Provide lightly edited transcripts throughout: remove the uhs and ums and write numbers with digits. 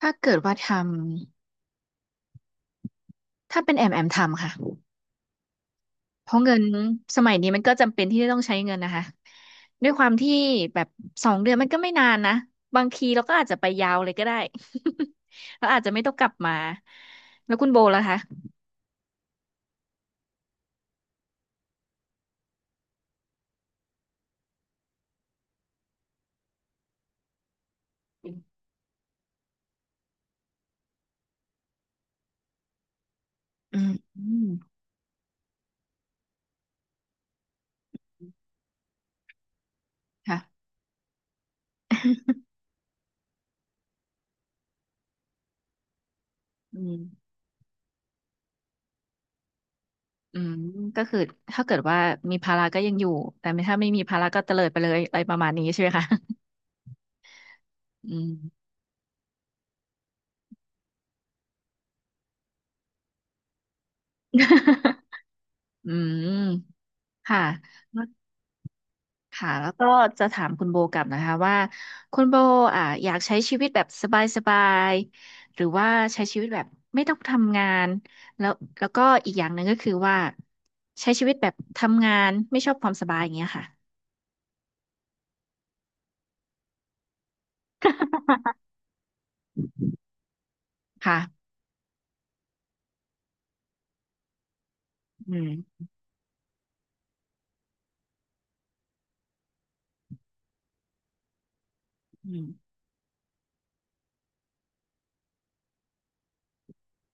ถ้าเกิดว่าทำถ้าเป็นแอมทำค่ะเพราะเงินสมัยนี้มันก็จำเป็นที่จะต้องใช้เงินนะคะด้วยความที่แบบ2 เดือนมันก็ไม่นานนะบางทีเราก็อาจจะไปยาวเลยก็ได้ เราอาจจะไม่ต้องกลับมาแล้วคุณโบล่ะคะอืมอืมค่ะอืมอืมก็คือถ้าเกิดว่ามีภาระก็ยังอยู่แต่ไม่ถ้าไม่มีภาระก็เตลิดไปเลยอะไรประมาณนี้ใช่ไหมคะ อืม อืมค่ะ ค่ะแล้วก็จะถามคุณโบกลับนะคะว่าคุณโบอยากใช้ชีวิตแบบสบายๆหรือว่าใช้ชีวิตแบบไม่ต้องทำงานแล้วแล้วก็อีกอย่างหนึ่งก็คือว่าใช้ชีวิตแบบทำงานไม่ชอบความสบายอย่างเงี้ยค่ะ ค่ะอืมอืม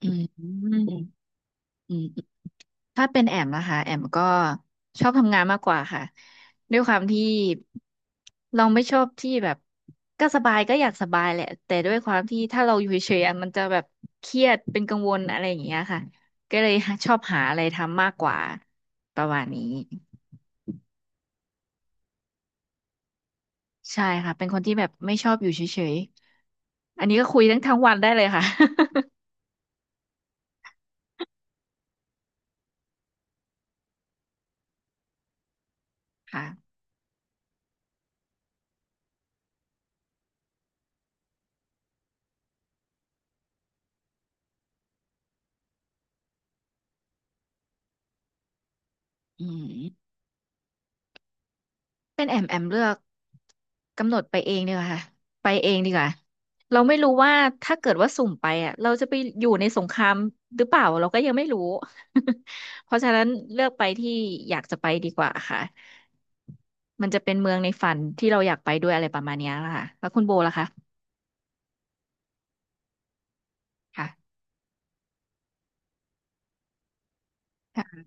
อืมอืม ถ้าเป็นแอมนะคะแอมก็ชอบทำงานมากกว่าค่ะด้วยความที่เราไม่ชอบที่แบบก็สบายก็อยากสบายแหละแต่ด้วยความที่ถ้าเราอยู่เฉยๆอะมันจะแบบเครียดเป็นกังวลอะไรอย่างเงี้ยค่ะก็เลยชอบหาอะไรทำมากกว่าประมาณนี้ใช่ค่ะเป็นคนที่แบบไม่ชอบอยู่เฉยๆอันนี้ก็คุยทั้งวันได้เลยค่ะ ค่ะอืม เป็นแอมเลือกกำหนดไปเองดีกว่าค่ะไปเองดีกว่า เราไม่รู้ว่าถ้าเกิดว่าสุ่มไปอ่ะเราจะไปอยู่ในสงครามหรือเปล่าเราก็ยังไม่รู้ เพราะฉะนั้นเลือกไปที่อยากจะไปดีกว่าค่ะมันจะเป็นเมืองในฝันที่เราอยากไปด้วยอะไรประมาณเนี้ยละค่ะแล้วคุณโบล่ะคะค่ะค่ะ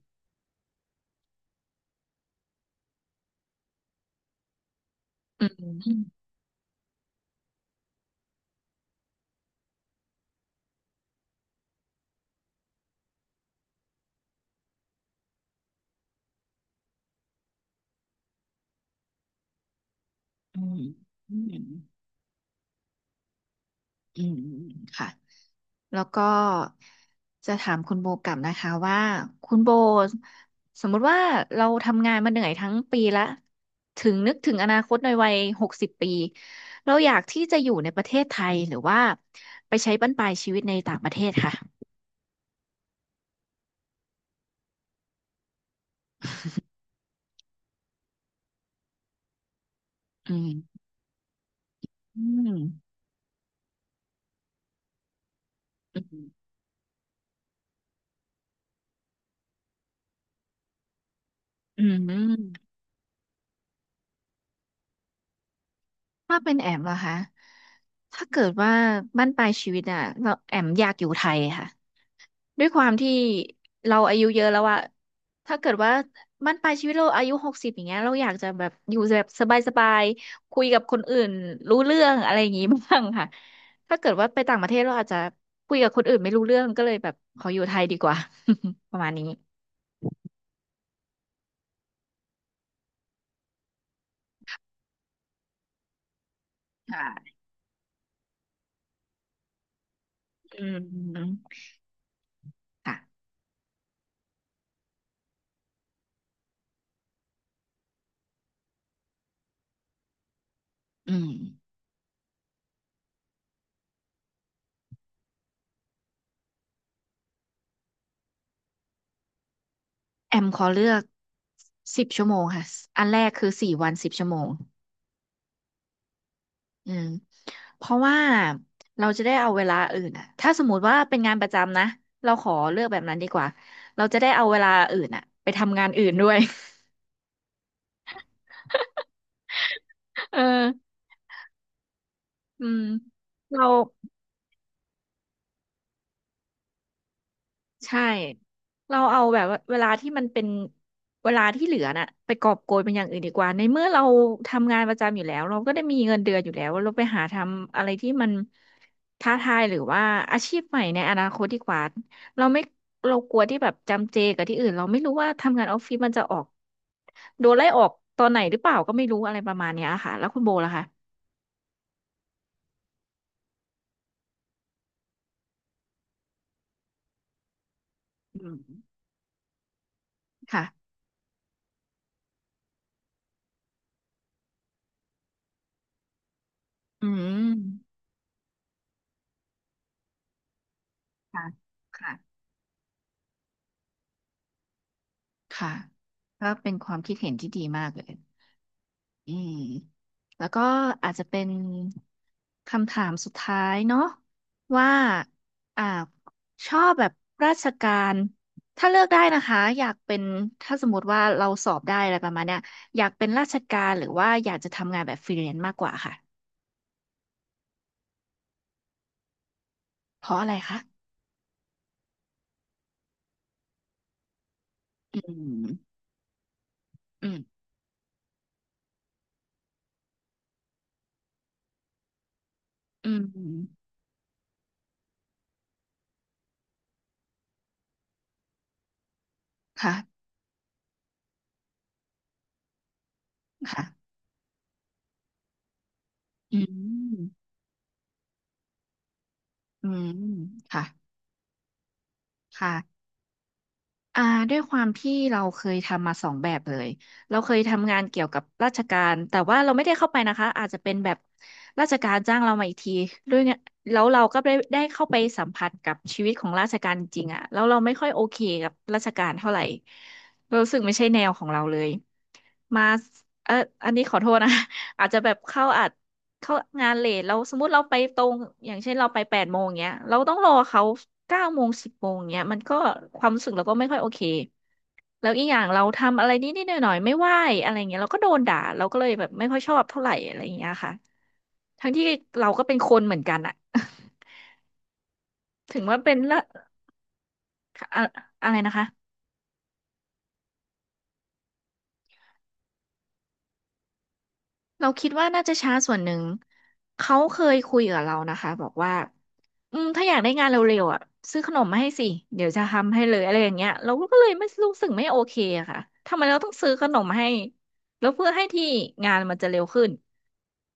อืมอืมอืมอืมอืมค่ะ แล้วก็จะถามคุณโบกลับนะคะว่าคุณโบสมมุติว่าเราทำงานมาเหนื่อยทั้งปีละถึงนึกถึงอนาคตในวัย60 ปีเราอยากที่จะอยู่ในประเทศไทยหรือว่าไปใช้บั้นปลายชีวิตในต่างประเทศค่ะอืมอืมอืมอืมถ้าเป็นแอมเหรอคะถ้าเกิดว่าบั้นปลายชีวิตอ่ะเราแอมอยากอยู่ไทยค่ะ ด้วยความที่เราอายุเยอะแล้วอะ ถ้าเกิดว่ามันปลายชีวิตเราอายุหกสิบอย่างเงี้ยเราอยากจะแบบอยู่แบบสบายๆคุยกับคนอื่นรู้เรื่องอะไรอย่างงี้ บ้างค่ะถ้าเกิดว่าไปต่างประเทศเราอาจจะคุยกับคนอื่นไม่รู้เรื่องก็เลยแบบขออยู่ไทยดีกว่า ประมาณนี้ค่ะอืมค่ะอืมแอมขอเลือกสิบชั่วโมงค่ะอันแรกคือ4 วันสิบชั่วโมง อืมเพราะว่าเราจะได้เอาเวลาอื่นอ่ะถ้าสมมติว่าเป็นงานประจำนะเราขอเลือกแบบนั้นดีกว่าเราจะได้เอาเวลาอื่นอ่ะไปทำงานอื่นด้วย เอออืมเรา ใช่เราเอาแบบว่าเวลาที่มันเป็นเวลาที่เหลือน่ะไปกอบโกยเป็นอย่างอื่นดีกว่าในเมื่อเราทำงานประจำอยู่แล้วเราก็ได้มีเงินเดือนอยู่แล้วเราไปหาทำอะไรที่มันท้าทายหรือว่าอาชีพใหม่ในอนาคตดีกว่าเราไม่เรากลัวที่แบบจำเจกับที่อื่นเราไม่รู้ว่าทำงานออฟฟิศมันจะออกโดนไล่ออกตอนไหนหรือเปล่าก็ไม่รู้อะไรประมาณเนี้ยค่ะแล้วคุณโบล่ะคะอืมค่ะอืมค่ะค่ะค่ะก็เป็นความคิดเห็นที่ดีมากเลย อืมแล้วก็อาจจะเป็นคำถามสุดท้ายเนาะว่าอ่าชอบแบบราชการถ้าเลือกได้นะคะอยากเป็นถ้าสมมติว่าเราสอบได้อะไรประมาณเนี้ยอยากเป็นราชการหรือว่าอยากจะทำงานแบบฟรีแลนซ์มากกว่าค่ะเพราะอะไรคะอืมอืมอืมค่ะค่ะอืมอืมค่ะค่ะ อ่าด้วยความที่เราเคยทำมาสองแบบเลยเราเคยทำงานเกี่ยวกับราชการแต่ว่าเราไม่ได้เข้าไปนะคะอาจจะเป็นแบบราชการจ้างเรามาอีกทีด้วยเนี่ยแล้วเราก็ได้เข้าไปสัมผัสกับชีวิตของราชการจริงๆอะแล้วเราไม่ค่อยโอเคกับราชการเท่าไหร่เรารู้สึกไม่ใช่แนวของเราเลยมาเอออันนี้ขอโทษนะ อาจจะแบบเข้าอาจ เขางานเลทเราสมมติเราไปตรงอย่างเช่นเราไป8 โมงเงี้ยเราต้องรอเขา9 โมง10 โมงเงี้ยมันก็ความรู้สึกเราก็ไม่ค่อยโอเคแล้วอีกอย่างเราทำอะไรนิดนิดหน่อยหน่อยๆไม่ไหวอะไรเงี้ยเราก็โดนด่าเราก็เลยแบบไม่ค่อยชอบเท่าไหร่อะไรเงี้ยค่ะทั้งที่เราก็เป็นคนเหมือนกันอะ ถึงว่าเป็นละอะอะไรนะคะ เราคิดว่าน่าจะช้าส่วนหนึ่งเขาเคยคุยกับเรานะคะบอกว่าอืมถ้าอยากได้งานเร็วๆอ่ะซื้อขนมมาให้สิเดี๋ยวจะทำให้เลยอะไรอย่างเงี้ยเราก็เลยไม่รู้สึกไม่โอเคอะค่ะทำไมเราต้องซื้อขนมให้แล้วเพื่อให้ที่งานมันจะเร็วขึ้น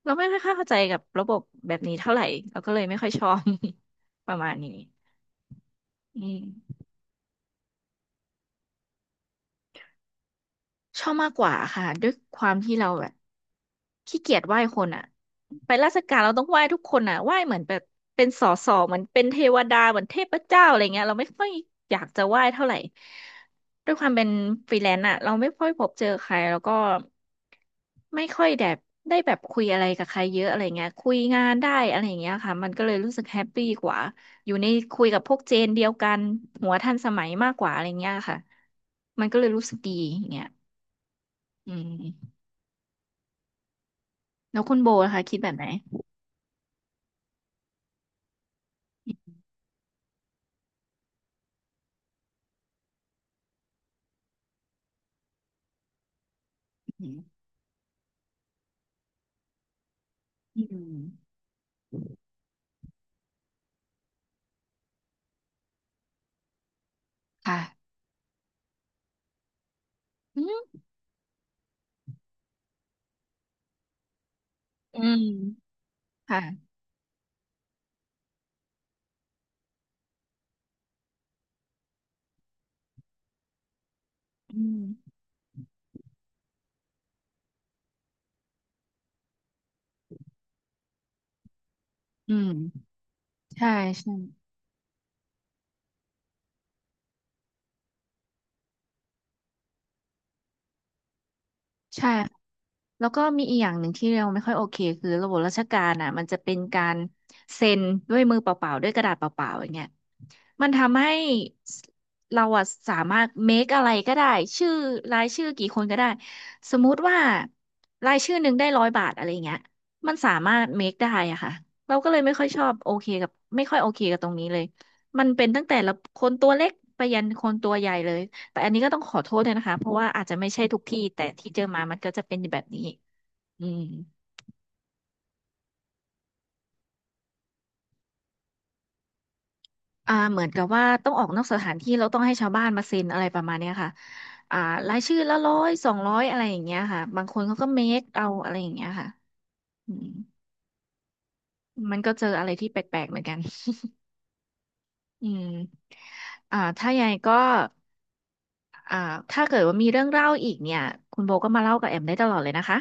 เราไม่ค่อยเข้าใจกับระบบแบบนี้เท่าไหร่เราก็เลยไม่ค่อยชอบ ประมาณนี้อืม ชอบมากกว่าค่ะด้วยความที่เราแบบขี้เกียจไหว้คนอ่ะไปราชการเราต้องไหว้ทุกคนอ่ะไหว้เหมือนแบบเป็นสอสอเหมือนเป็นเทวดาเหมือนเทพเจ้าอะไรเงี้ยเราไม่ค่อยอยากจะไหว้เท่าไหร่ด้วยความเป็นฟรีแลนซ์อ่ะเราไม่ค่อยพบเจอใครแล้วก็ไม่ค่อยแบบได้แบบคุยอะไรกับใครเยอะอะไรเงี้ยคุยงานได้อะไรเงี้ยค่ะมันก็เลยรู้สึกแฮปปี้กว่าอยู่ในคุยกับพวกเจนเดียวกันหัวทันสมัยมากกว่าอะไรเงี้ยค่ะมันก็เลยรู้สึกดีอย่างเงี้ย อืมแล้วคุณโบนะคะคิดแบบไหนอืมอืมค่ะอืมอืมค่ะอืมอืมใช่ใช่ใช่ แล้วก็มีอีกอย่างหนึ่งที่เราไม่ค่อยโอเคคือระบบราชการอ่ะมันจะเป็นการเซ็นด้วยมือเปล่าๆด้วยกระดาษเปล่าๆอย่างเงี้ยมันทำให้สเราอะสามารถ make อะไรก็ได้ชื่อรายชื่อกี่คนก็ได้สมมุติว่ารายชื่อหนึ่งได้100 บาทอะไรเงี้ยมันสามารถ make ได้อะค่ะเราก็เลยไม่ค่อยชอบโอเคกับไม่ค่อยโอเคกับตรงนี้เลยมันเป็นตั้งแต่ละคนตัวเล็กไปยันคนตัวใหญ่เลย แต่อันนี้ก็ต้องขอโทษด้วยนะคะเพราะว่าอาจจะไม่ใช่ทุกที่แต่ที่เจอมามันก็จะเป็นแบบนี้อืมอ่าเหมือนกับว่าต้องออกนอกสถานที่เราต้องให้ชาวบ้านมาเซ็นอะไรประมาณเนี้ยค่ะอ่ารายชื่อละ100 200อะไรอย่างเงี้ยค่ะบางคนเขาก็เมคเอาอะไรอย่างเงี้ยค่ะอืมมันก็เจออะไรที่แปลกๆเหมือนกัน อืมอ่าถ้ายังไงก็อ่าถ้าเกิดว่ามีเรื่องเล่าอีกเนี่ยคุณโบก็มาเล่ากับแอมได้ตลอดเลยนะคะ